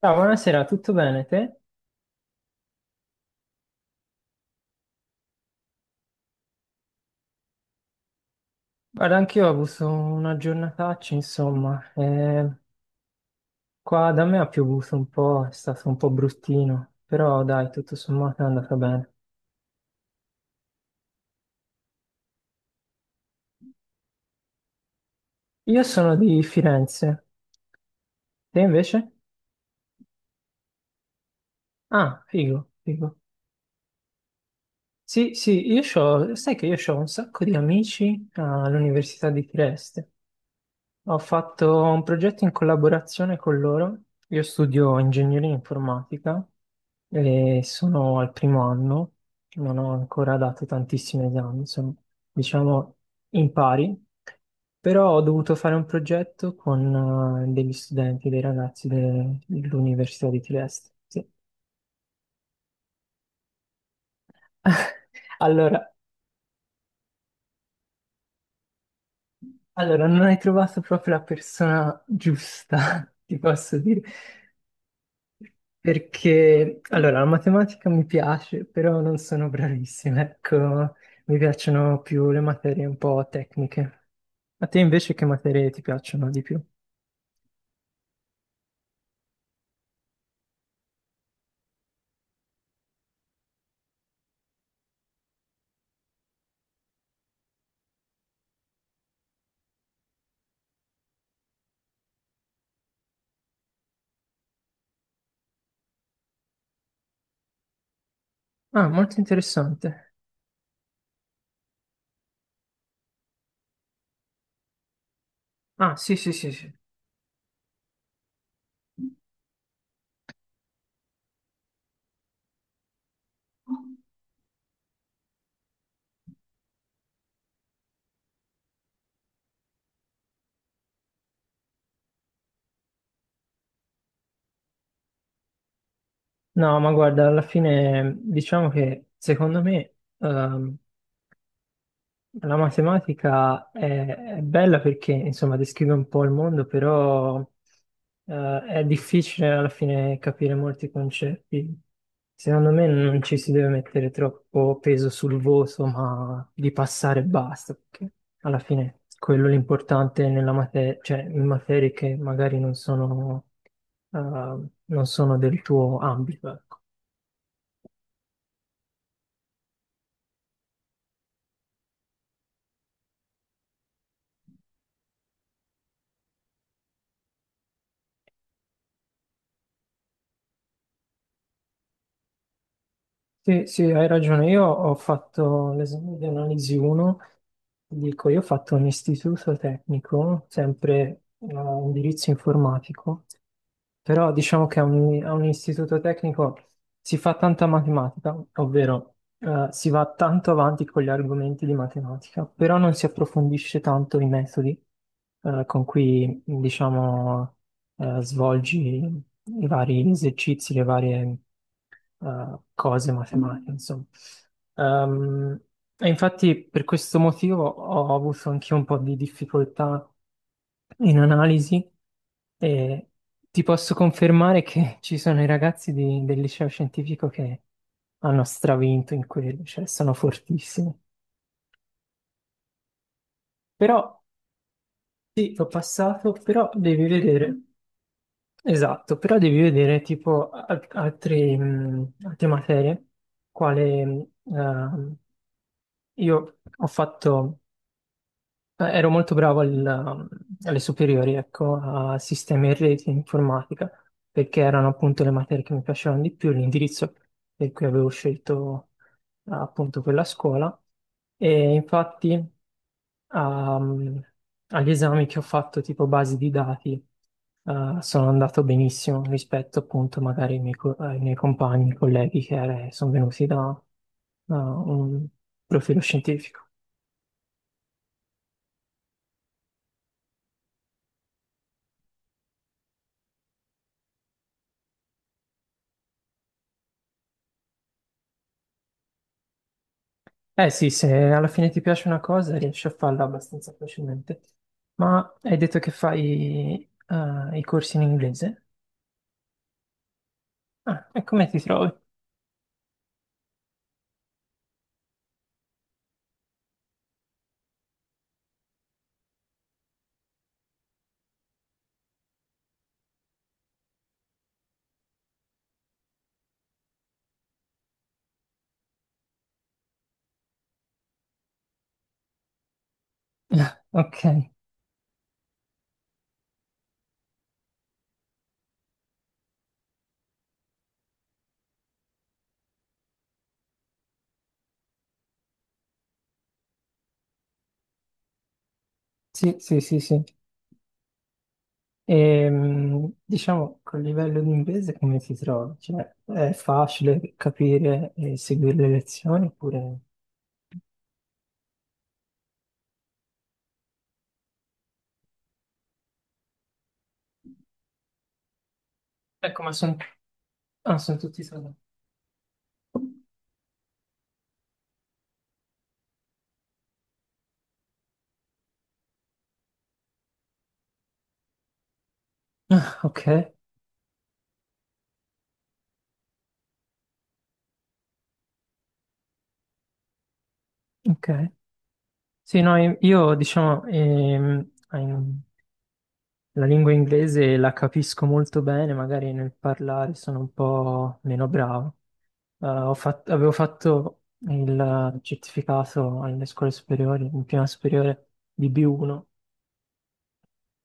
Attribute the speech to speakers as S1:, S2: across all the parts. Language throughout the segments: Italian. S1: Ciao, buonasera, tutto bene te? Guarda, anch'io ho avuto una giornataccia, insomma. Qua da me ha piovuto un po', è stato un po' bruttino, però dai, tutto sommato è andata bene. Io sono di Firenze, te invece? Ah, figo, figo. Sì, sì, sai che io ho un sacco di amici all'Università di Trieste. Ho fatto un progetto in collaborazione con loro. Io studio ingegneria informatica e sono al primo anno, non ho ancora dato tantissimi esami, sono diciamo in pari, però ho dovuto fare un progetto con degli studenti, dei ragazzi dell'Università di Trieste. Sì. Allora, allora, non hai trovato proprio la persona giusta, ti posso dire. Perché, allora, la matematica mi piace, però non sono bravissima, ecco, mi piacciono più le materie un po' tecniche. A te invece che materie ti piacciono di più? Ah, molto interessante. Ah, sì, sì, sì, sì. No, ma guarda, alla fine diciamo che secondo me ehm, la matematica è bella perché, insomma, descrive un po' il mondo, però è difficile alla fine capire molti concetti. Secondo me non ci si deve mettere troppo peso sul voto, ma di passare e basta, perché alla fine quello è l'importante nella materia, cioè in materie che magari non sono, eh, non sono del tuo ambito. Ecco. Sì, sì, hai ragione. Io ho fatto l'esame di analisi 1, ti dico, io ho fatto un istituto tecnico, sempre indirizzo informatico, però diciamo che a un istituto tecnico si fa tanta matematica, ovvero si va tanto avanti con gli argomenti di matematica, però non si approfondisce tanto i metodi con cui, diciamo, svolgi i vari esercizi, le varie cose matematiche, insomma. Ehm, e infatti per questo motivo ho avuto anche un po' di difficoltà in analisi e ti posso confermare che ci sono i ragazzi del liceo scientifico che hanno stravinto in quello, cioè sono fortissimi. Però sì, l'ho passato, però devi vedere, esatto, però devi vedere tipo altri, altre materie, quale ehm, io ho fatto, ero molto bravo alle superiori, ecco, a sistemi e reti e informatica, perché erano appunto le materie che mi piacevano di più, l'indirizzo per cui avevo scelto appunto quella scuola. E infatti ehm, agli esami che ho fatto tipo basi di dati sono andato benissimo rispetto appunto magari ai miei, ai miei compagni, colleghi che sono venuti da da un profilo scientifico. Eh sì, se alla fine ti piace una cosa riesci a farla abbastanza facilmente. Ma hai detto che fai i corsi in inglese? Ah, e come ti trovi? Ok, sì, sì, sì, sì. Diciamo, col livello di inglese come ti trovi? Cioè, è facile capire e seguire le lezioni oppure... Ecco, ma sono tutti italiani. Ok, ok. Sì, no, diciamo, la lingua inglese la capisco molto bene, magari nel parlare sono un po' meno bravo. Avevo fatto il certificato alle scuole superiori, in prima superiore di B1.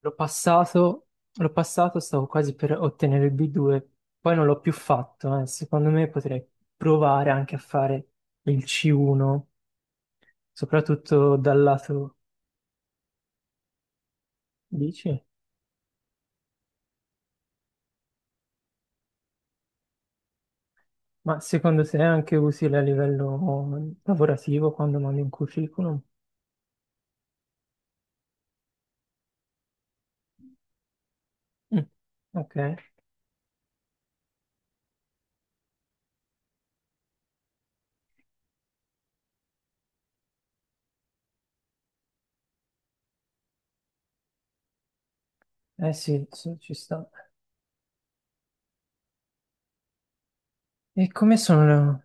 S1: L'ho passato, l'ho passato, stavo quasi per ottenere il B2, poi non l'ho più fatto. Eh. Secondo me potrei provare anche a fare il C1, soprattutto dal lato, dici? Ma secondo te è anche utile a livello lavorativo quando mandi un curriculum? Mm. Ok, eh sì, sì, ci sta. E come sono?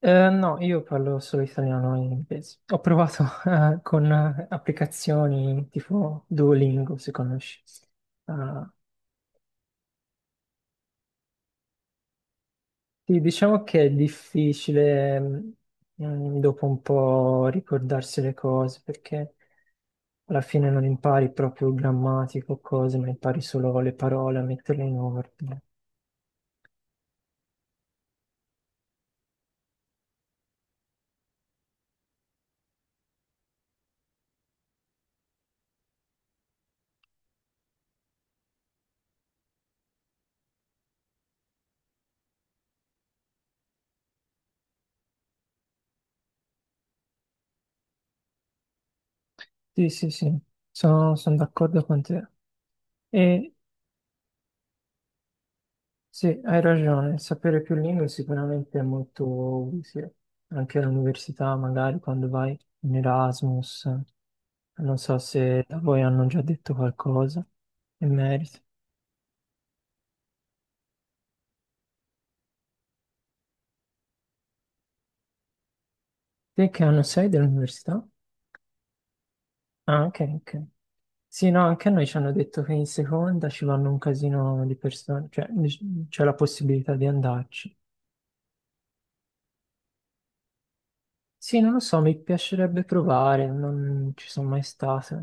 S1: No, io parlo solo italiano e inglese. Ho provato con applicazioni tipo Duolingo, se conosci. Ah, sì, diciamo che è difficile dopo un po' ricordarsi le cose perché alla fine non impari proprio grammatico o cose, ma impari solo le parole a metterle in ordine. Sì, sì, sì, sono d'accordo con te. E sì, hai ragione, sapere più lingue sicuramente è molto utile, anche all'università magari quando vai in Erasmus, non so se da voi hanno già detto qualcosa in merito. Te che anno sei dell'università? Ah, ok, ok. Sì, no, anche a noi ci hanno detto che in seconda ci vanno un casino di persone, cioè c'è la possibilità di andarci. Sì, non lo so, mi piacerebbe provare, non ci sono mai stato.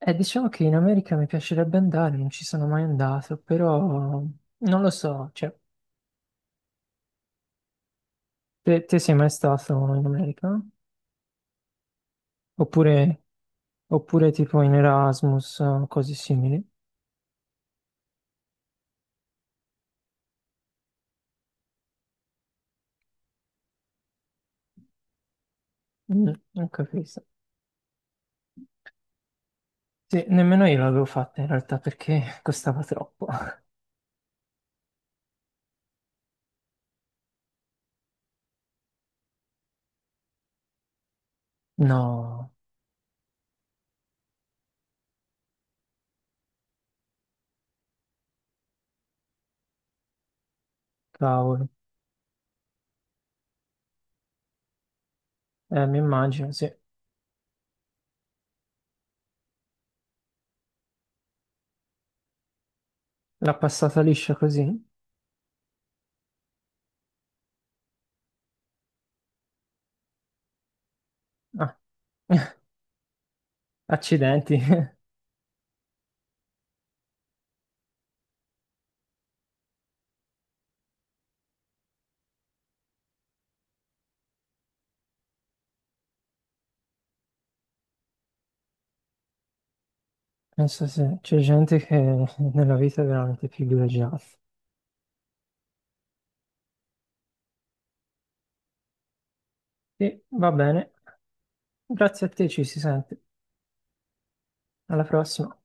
S1: Diciamo che in America mi piacerebbe andare, non ci sono mai andato, però non lo so, cioè, te sei mai stato in America? Oppure, oppure tipo in Erasmus, cose simili? Mm, non capisco. Sì, nemmeno io l'avevo fatta in realtà perché costava troppo. No, cavolo. Mi immagino, sì. L'ha passata liscia così? Ah, accidenti. Penso sì, c'è gente che nella vita è veramente privilegiata. Sì, va bene. Grazie a te, ci si sente. Alla prossima.